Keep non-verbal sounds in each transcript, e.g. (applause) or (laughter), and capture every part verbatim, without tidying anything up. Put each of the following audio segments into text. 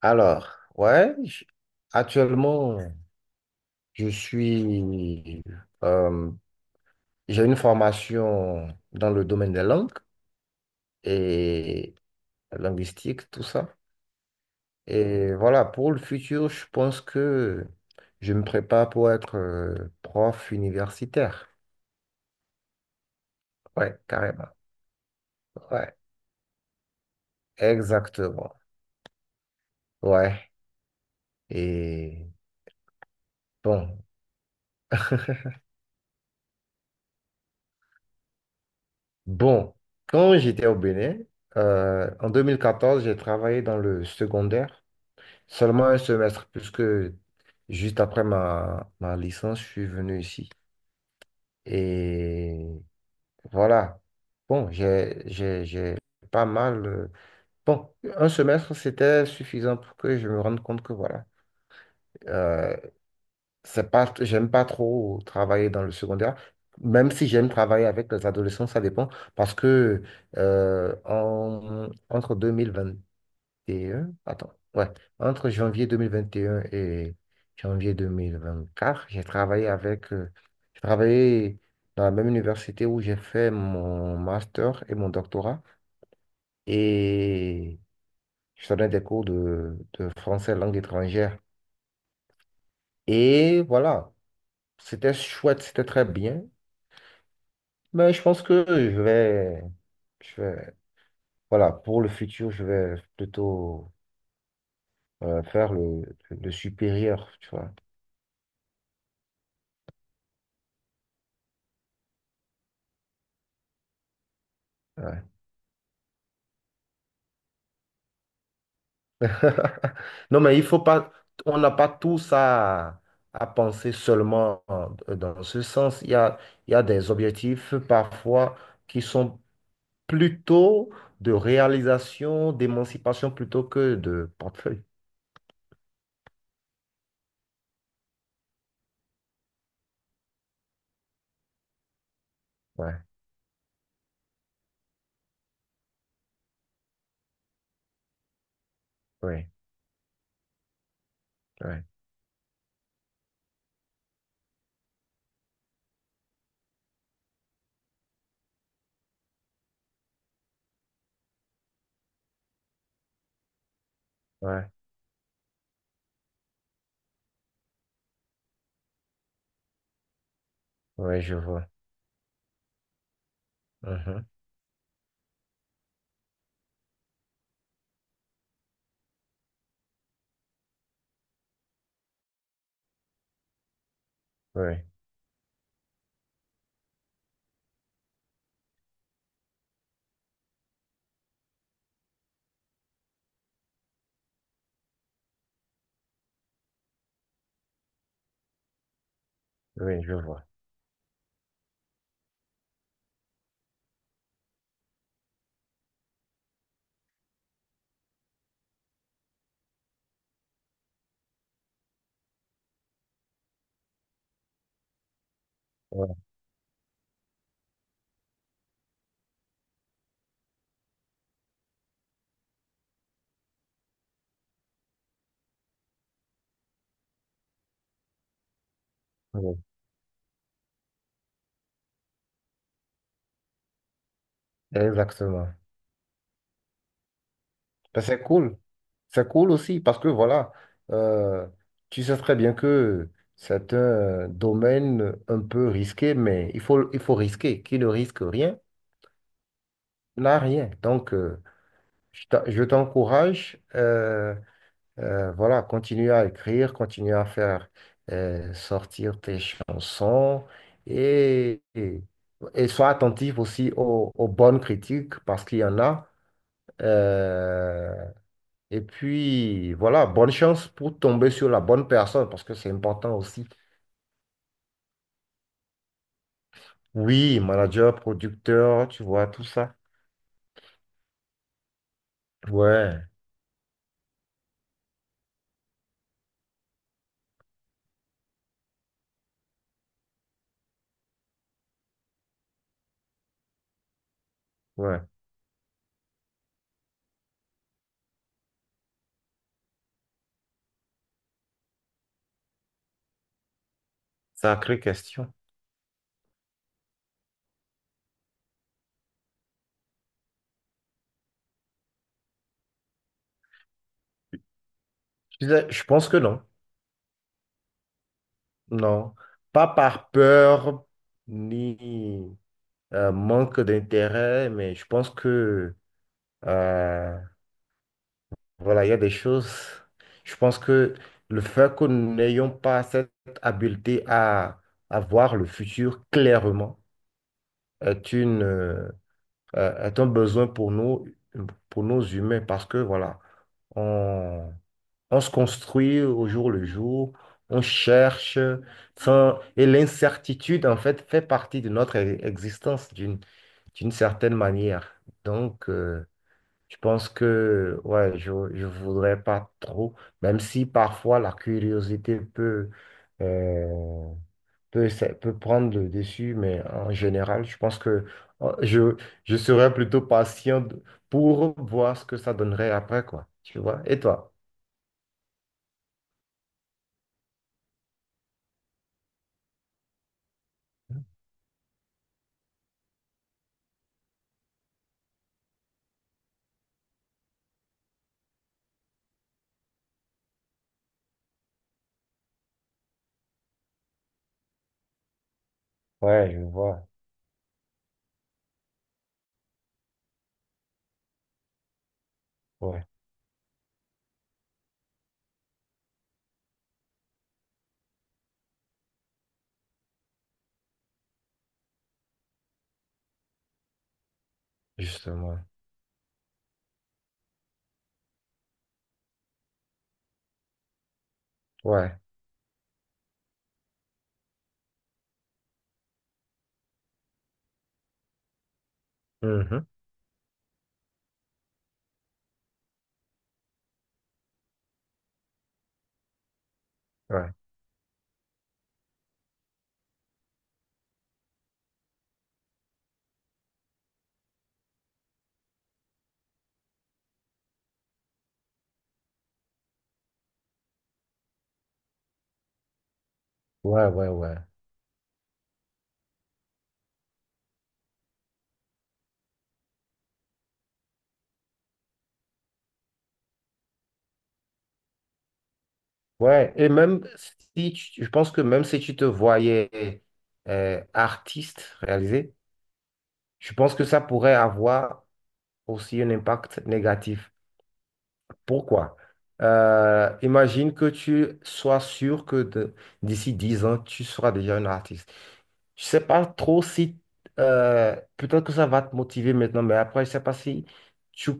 Alors, ouais, j- actuellement, je suis, euh, j'ai une formation dans le domaine des langues et linguistique, tout ça. Et voilà, pour le futur, je pense que je me prépare pour être euh, prof universitaire. Ouais, carrément. Ouais, exactement. Ouais. Et bon, bon, quand j'étais au Bénin, euh, en deux mille quatorze, j'ai travaillé dans le secondaire. Seulement un semestre, puisque juste après ma, ma licence, je suis venu ici. Et voilà. Bon, j'ai, j'ai, j'ai pas mal. euh, Bon, un semestre, c'était suffisant pour que je me rende compte que voilà. euh, c'est pas, J'aime pas trop travailler dans le secondaire, même si j'aime travailler avec les adolescents, ça dépend. Parce que euh, en- entre deux mille vingt deux mille vingt et un, attends, ouais, entre janvier deux mille vingt et un et un et janvier deux mille vingt-quatre, j'ai travaillé avec, euh, j'ai travaillé dans la même université où j'ai fait mon master et mon doctorat et je donnais des cours de, de français langue étrangère. Et voilà, c'était chouette, c'était très bien, mais je pense que je vais, je vais, voilà, pour le futur, je vais plutôt euh, faire le, le supérieur, tu vois. Ouais. Non, mais il faut pas, on n'a pas tous à, à penser seulement euh, dans ce sens. Il y a, il y a des objectifs parfois qui sont plutôt de réalisation, d'émancipation plutôt que de portefeuille. Ouais, oui, oui, ouais, oui, je vois. Mhm, oui, oui, je vois. Ouais, oui, exactement. Ben, c'est cool. C'est cool aussi parce que voilà, euh, tu sais très bien que c'est un domaine un peu risqué, mais il faut, il faut risquer. Qui ne risque rien n'a rien. Donc, euh, je t'en- je t'encourage, euh, euh, voilà, continue à écrire, continue à faire euh, sortir tes chansons et, et, et sois attentif aussi aux, aux bonnes critiques parce qu'il y en a. Euh, Et puis, voilà, bonne chance pour tomber sur la bonne personne parce que c'est important aussi. Oui, manager, producteur, tu vois, tout ça. Ouais, ouais. Sacrée question. Je disais, je pense que non. Non. Pas par peur ni euh, manque d'intérêt, mais je pense que, euh, voilà, il y a des choses. Je pense que le fait que nous n'ayons pas cette habileté à, à voir le futur clairement est une. Euh, euh, est un besoin pour nous, pour nos humains, parce que voilà, on, on se construit au jour le jour, on cherche, enfin, et l'incertitude, en fait, fait partie de notre e- existence d'une d'une certaine manière. Donc, euh, je pense que, ouais, je ne voudrais pas trop, même si parfois la curiosité peut, euh, peut, ça peut prendre le dessus, mais en général, je pense que euh, je, je serais plutôt patient de- pour voir ce que ça donnerait après, quoi. Tu vois? Et toi? Ouais, je vois. Ouais, justement. Ouais. Mhm. Ouais. Ouais, ouais, ouais. Ouais. Et même si tu- je pense que même si tu te voyais euh, artiste réalisé, je pense que ça pourrait avoir aussi un impact négatif. Pourquoi? Euh, imagine que tu sois sûr que de- d'ici dix ans, tu seras déjà un artiste. Je sais pas trop si, euh, peut-être que ça va te motiver maintenant, mais après, je sais pas si tu,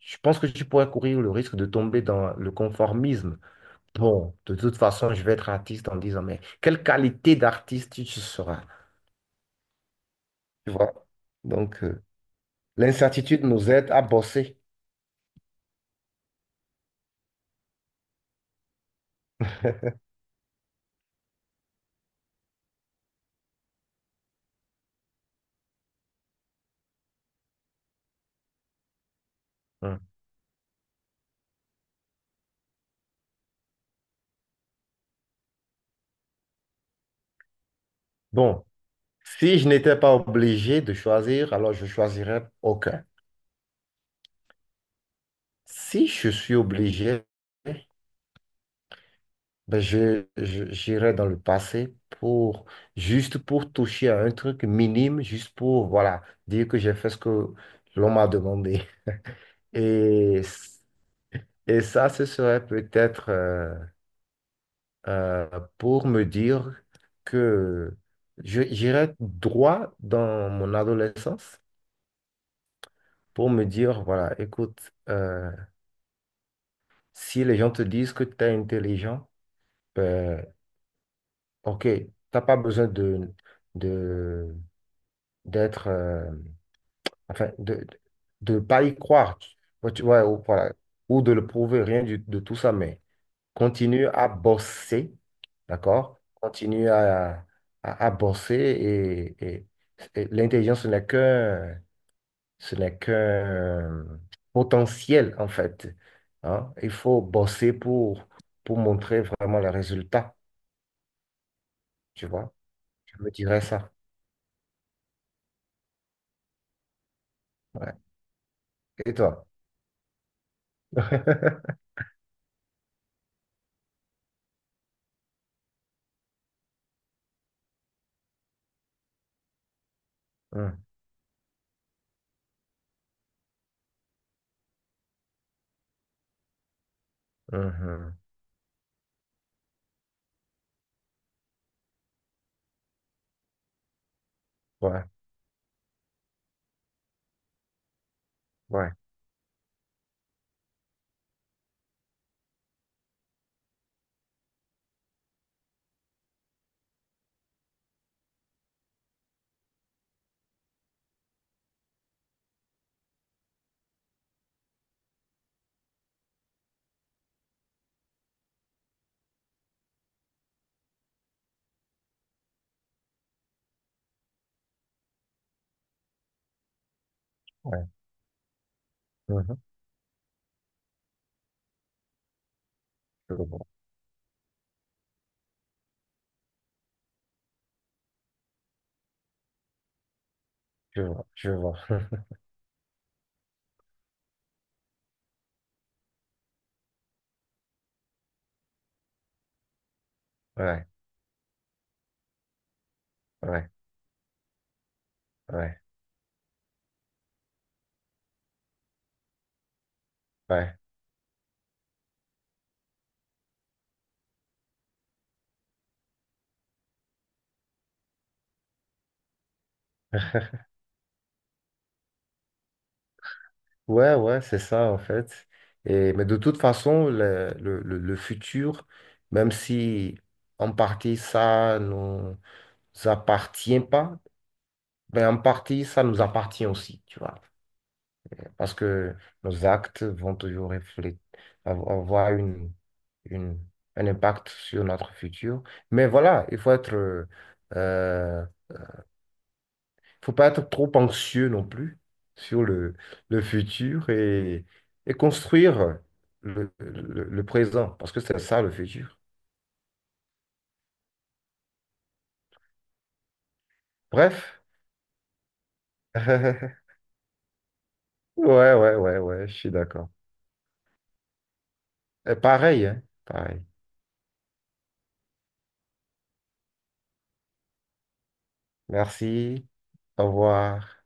je pense que tu pourrais courir le risque de tomber dans le conformisme. Bon, de toute façon, je vais être artiste en dix ans, mais quelle qualité d'artiste tu seras? Tu vois? Donc, euh, l'incertitude nous aide à bosser. Hein. Bon. Si je n'étais pas obligé de choisir, alors je choisirais aucun. Si je suis obligé, ben je, je- j'irais dans le passé pour juste pour toucher à un truc minime, juste pour voilà, dire que j'ai fait ce que l'on m'a demandé. Et, et ça, ce serait peut-être euh, euh, pour me dire que je, j'irais droit dans mon adolescence pour me dire, voilà, écoute, euh, si les gens te disent que tu es intelligent, ben, ok, tu n'as pas besoin de, de, d'être, euh, enfin, de, de pas y croire, tu ouais, tu vois, ou, voilà, ou de le prouver, rien du- de tout ça, mais continue à bosser, d'accord? Continue à, à, à bosser et, et- et l'intelligence n'est qu'un Ce n'est qu'un potentiel, en fait. Hein. Il faut bosser pour, pour montrer vraiment les résultats, tu vois. Je me dirais ça. Ouais. Et toi? (laughs) Hum, mhm. Ouais, ouais, ouais. Mhm. Je vois, je vois, je vois. (laughs) Ouais, ouais, ouais, ouais. (laughs) Ouais, ouais, c'est ça en fait. Et, mais de toute façon, le, le, le- le futur, même si en partie ça nous appartient pas, ben, en partie, ça nous appartient aussi, tu vois. Parce que nos actes vont toujours refléter, av- avoir une, une, un impact sur notre futur. Mais voilà, il faut être, euh, euh, faut pas être trop anxieux non plus sur le, le futur et, et construire le, le, le présent, parce que c'est ça le futur. Bref. (laughs) Ouais, ouais, ouais, ouais, je suis d'accord. Et pareil, hein, pareil. Merci. Au revoir.